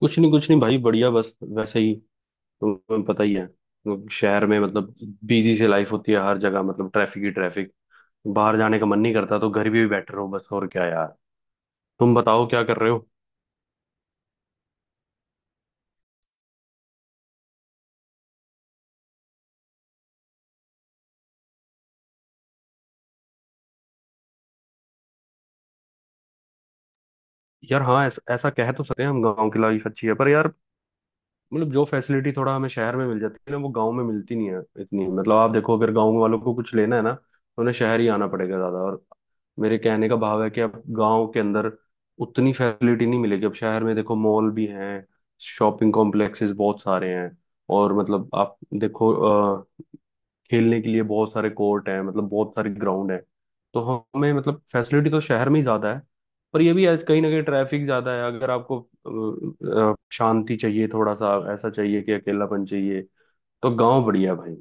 कुछ नहीं, कुछ नहीं भाई। बढ़िया। बस वैसे ही। तुम्हें पता ही है, मतलब शहर में, मतलब बिजी से लाइफ होती है हर जगह। मतलब ट्रैफिक ही ट्रैफिक। बाहर जाने का मन नहीं करता तो घर भी बैठे रहो। बस और क्या यार। तुम बताओ क्या कर रहे हो। यार हाँ, ऐसा कह तो सकते हैं हम। गाँव की लाइफ अच्छी है, पर यार मतलब जो फैसिलिटी थोड़ा हमें शहर में मिल जाती है ना, वो गांव में मिलती नहीं है इतनी। मतलब आप देखो, अगर गांव वालों को कुछ लेना है ना, तो उन्हें शहर ही आना पड़ेगा ज्यादा। और मेरे कहने का भाव है कि अब गांव के अंदर उतनी फैसिलिटी नहीं मिलेगी। अब शहर में देखो, मॉल भी हैं, शॉपिंग कॉम्प्लेक्सेस बहुत सारे हैं। और मतलब आप देखो, खेलने के लिए बहुत सारे कोर्ट हैं, मतलब बहुत सारे ग्राउंड हैं। तो हमें मतलब फैसिलिटी तो शहर में ही ज्यादा है। पर ये भी है, कहीं ना कहीं ट्रैफिक ज्यादा है। अगर आपको शांति चाहिए, थोड़ा सा ऐसा चाहिए कि अकेलापन चाहिए, तो गांव बढ़िया है भाई।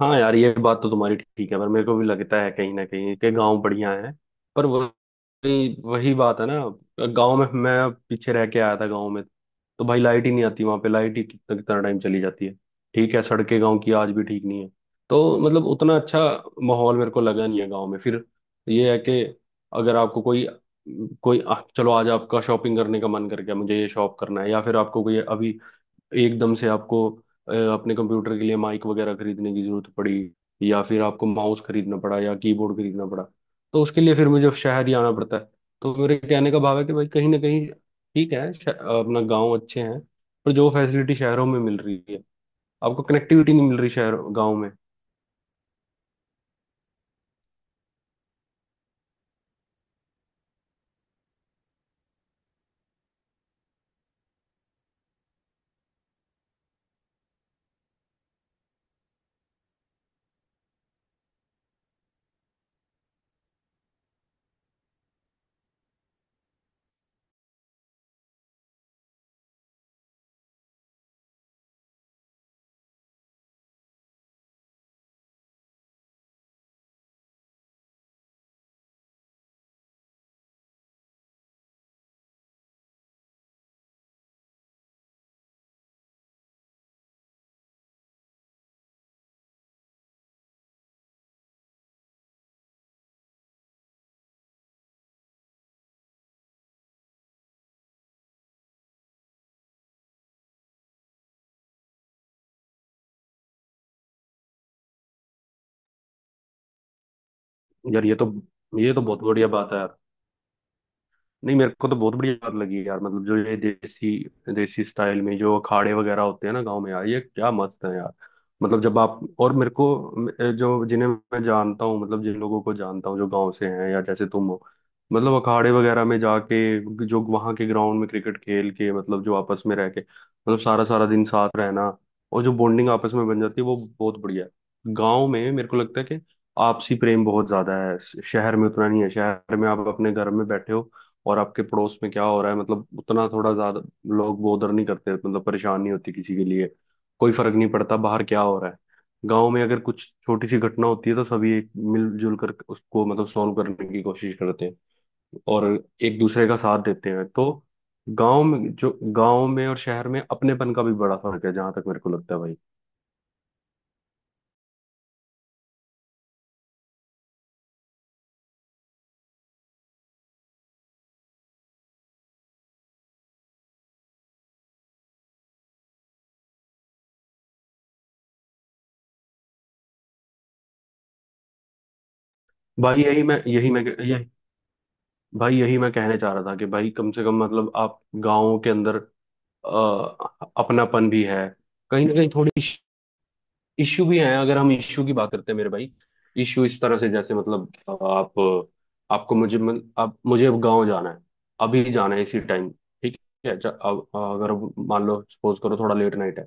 हाँ यार, ये बात तो तुम्हारी ठीक है। पर मेरे को भी लगता है कहीं ना कहीं कि गांव बढ़िया है, पर वही वही बात है ना। गांव में मैं पीछे रह के आया था। गांव में तो भाई लाइट ही नहीं आती वहां पे। लाइट ही कितना कितना टाइम चली जाती है। ठीक है। सड़कें गांव की आज भी ठीक नहीं है। तो मतलब उतना अच्छा माहौल मेरे को लगा नहीं है गांव में। फिर ये है कि अगर आपको कोई कोई चलो आज आपका शॉपिंग करने का मन कर गया, मुझे ये शॉप करना है, या फिर आपको कोई अभी एकदम से आपको अपने कंप्यूटर के लिए माइक वगैरह खरीदने की जरूरत पड़ी, या फिर आपको माउस खरीदना पड़ा या कीबोर्ड खरीदना पड़ा, तो उसके लिए फिर मुझे शहर ही आना पड़ता है। तो मेरे कहने का भाव है कि भाई, कहीं ना कहीं ठीक है, अपना गांव अच्छे हैं, पर जो फैसिलिटी शहरों में मिल रही है, आपको कनेक्टिविटी नहीं मिल रही शहर, गाँव में। यार ये तो, ये तो बहुत बढ़िया बात है यार। नहीं, मेरे को तो बहुत बढ़िया बात लगी यार। मतलब जो ये देसी, देसी स्टाइल में जो अखाड़े वगैरह होते हैं ना गांव में, यार ये क्या मस्त है यार। मतलब जब आप और मेरे को जो जिन्हें मैं जानता हूँ, मतलब जिन लोगों को जानता हूँ, जो गांव से हैं या जैसे तुम हो, मतलब अखाड़े वगैरह में जाके जो वहां के ग्राउंड में क्रिकेट खेल के, मतलब जो आपस में रह के, मतलब सारा सारा दिन साथ रहना, और जो बॉन्डिंग आपस में बन जाती है, वो बहुत बढ़िया है गाँव में। मेरे को लगता है कि आपसी प्रेम बहुत ज्यादा है। शहर में उतना नहीं है। शहर में आप अपने घर में बैठे हो, और आपके पड़ोस में क्या हो रहा है मतलब उतना थोड़ा ज्यादा लोग बोदर नहीं करते। मतलब परेशान नहीं होती किसी के लिए। कोई फर्क नहीं पड़ता बाहर क्या हो रहा है। गांव में अगर कुछ छोटी सी घटना होती है तो सभी एक मिलजुल कर उसको मतलब सॉल्व करने की कोशिश करते हैं और एक दूसरे का साथ देते हैं। तो गांव में जो, गांव में और शहर में अपनेपन का भी बड़ा फर्क है, जहां तक मेरे को लगता है भाई। भाई यही मैं यही मैं यही भाई, यही मैं कहने चाह रहा था कि भाई, कम से कम मतलब आप गाँव के अंदर अ, अपनापन भी है, कहीं ना कहीं थोड़ी इश्यू भी है। अगर हम इश्यू की बात करते हैं मेरे भाई, इश्यू इस तरह से जैसे मतलब आप आपको मुझे, अब मुझे अब गाँव जाना है, अभी जाना है इसी टाइम। ठीक है, अब अगर मान लो, सपोज करो, थोड़ा लेट नाइट है,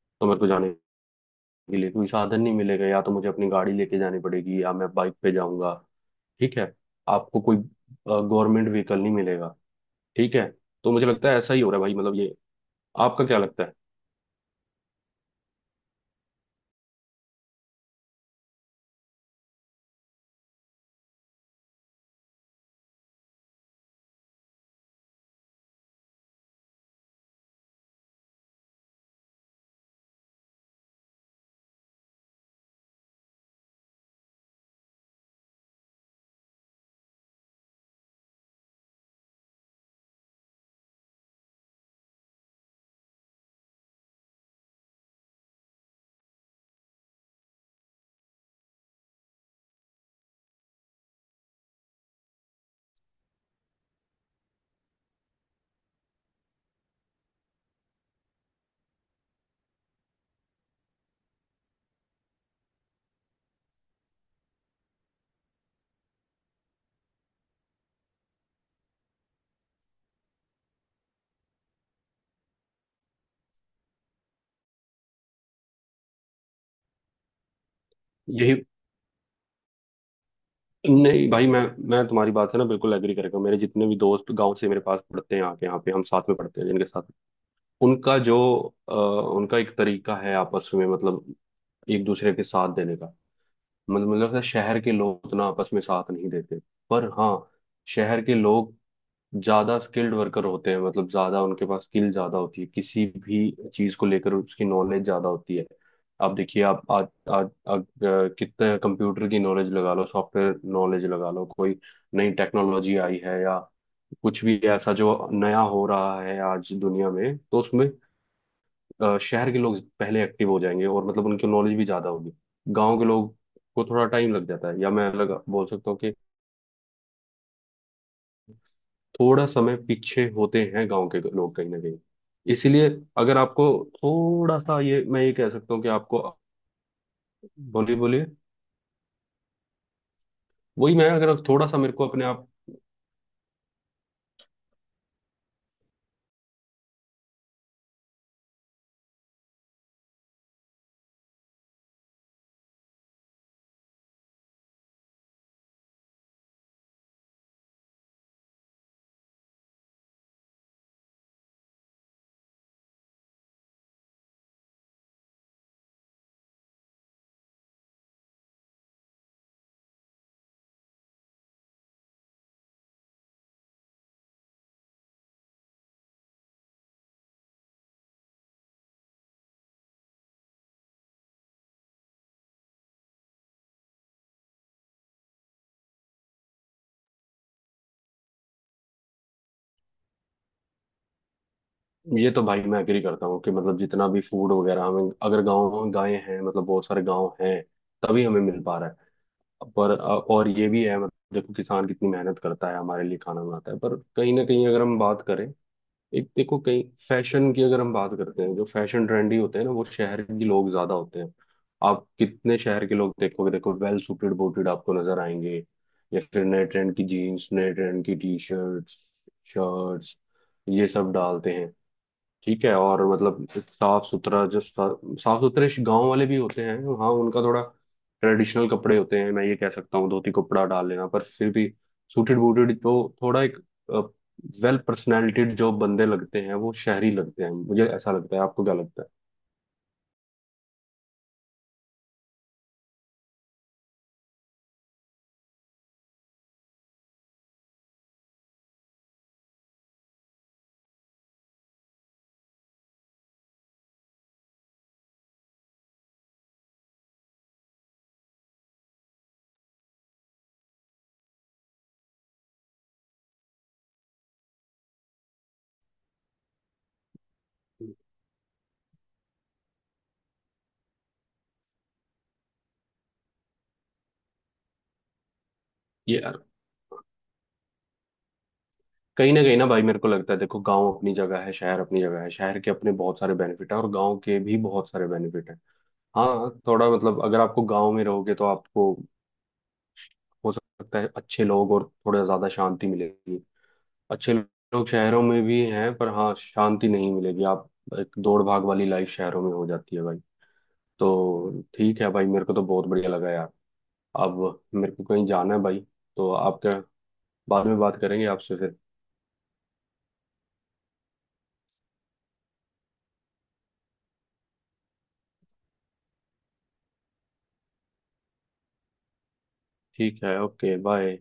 तो मेरे को जाने के लिए कोई साधन नहीं मिलेगा। या तो मुझे अपनी गाड़ी लेके जानी पड़ेगी या मैं बाइक पे जाऊंगा। ठीक है, आपको कोई गवर्नमेंट व्हीकल नहीं मिलेगा। ठीक है। तो मुझे लगता है ऐसा ही हो रहा है भाई, मतलब ये। आपका क्या लगता है। यही नहीं भाई, मैं तुम्हारी बात से ना बिल्कुल एग्री करेगा। मेरे जितने भी दोस्त गांव से मेरे पास पढ़ते हैं आके यहाँ पे, हम साथ में पढ़ते हैं जिनके साथ, उनका जो उनका एक तरीका है आपस में, मतलब एक दूसरे के साथ देने का। मतलब मुझे लगता है शहर के लोग उतना आपस में साथ नहीं देते। पर हाँ, शहर के लोग ज्यादा स्किल्ड वर्कर होते हैं, मतलब ज्यादा उनके पास स्किल ज्यादा होती है किसी भी चीज को लेकर, उसकी नॉलेज ज्यादा होती है। आप देखिए, आप आज आज आज कितने कंप्यूटर की नॉलेज लगा लो, सॉफ्टवेयर नॉलेज लगा लो, कोई नई टेक्नोलॉजी आई है, या कुछ भी ऐसा जो नया हो रहा है आज दुनिया में, तो उसमें शहर के लोग पहले एक्टिव हो जाएंगे, और मतलब उनकी नॉलेज भी ज्यादा होगी। गांव के लोग को थोड़ा टाइम लग जाता है, या मैं अलग बोल सकता हूँ कि थोड़ा समय पीछे होते हैं गांव के लोग कहीं ना कहीं, इसीलिए अगर आपको थोड़ा सा ये, मैं ये कह सकता हूँ कि आपको। बोलिए बोलिए। वही मैं अगर थोड़ा सा मेरे को अपने आप। ये तो भाई मैं एग्री करता हूँ कि मतलब जितना भी फूड वगैरह हमें, अगर गाँव गायें हैं, मतलब बहुत सारे गाँव हैं, तभी हमें मिल पा रहा है। पर और ये भी है, मतलब देखो, किसान कितनी मेहनत करता है हमारे लिए, खाना बनाता है, पर कहीं ना कहीं अगर हम बात करें, एक देखो कहीं फैशन की अगर हम बात करते हैं, जो फैशन ट्रेंडी होते हैं ना, वो शहर के लोग ज्यादा होते हैं। आप कितने शहर के लोग देखोगे, देखो वेल सूटेड बूटेड आपको नजर आएंगे, या फिर नए ट्रेंड की जीन्स, नए ट्रेंड की टी शर्ट्स, शर्ट्स, ये सब डालते हैं। ठीक है, और मतलब साफ सुथरा, जब साफ सुथरे गांव वाले भी होते हैं। हाँ, उनका थोड़ा ट्रेडिशनल कपड़े होते हैं, मैं ये कह सकता हूँ, धोती कपड़ा डाल लेना, पर फिर भी सूटेड बूटेड तो थोड़ा एक वेल पर्सनैलिटीड जो बंदे लगते हैं, वो शहरी लगते हैं। मुझे ऐसा लगता है, आपको क्या लगता है। ये कहीं ना भाई, मेरे को लगता है देखो, गांव अपनी जगह है, शहर अपनी जगह है। शहर के अपने बहुत सारे बेनिफिट हैं और गांव के भी बहुत सारे बेनिफिट हैं। हाँ, थोड़ा मतलब अगर आपको गांव में रहोगे, तो आपको हो सकता है अच्छे लोग और थोड़ा ज्यादा शांति मिलेगी। अच्छे लोग शहरों में भी हैं, पर हाँ, शांति नहीं मिलेगी आप। एक दौड़ भाग वाली लाइफ शहरों में हो जाती है भाई। तो ठीक है भाई, मेरे को तो बहुत बढ़िया लगा यार। अब मेरे को कहीं जाना है भाई, तो आप क्या, बाद में बात करेंगे आपसे फिर। ठीक है, ओके बाय।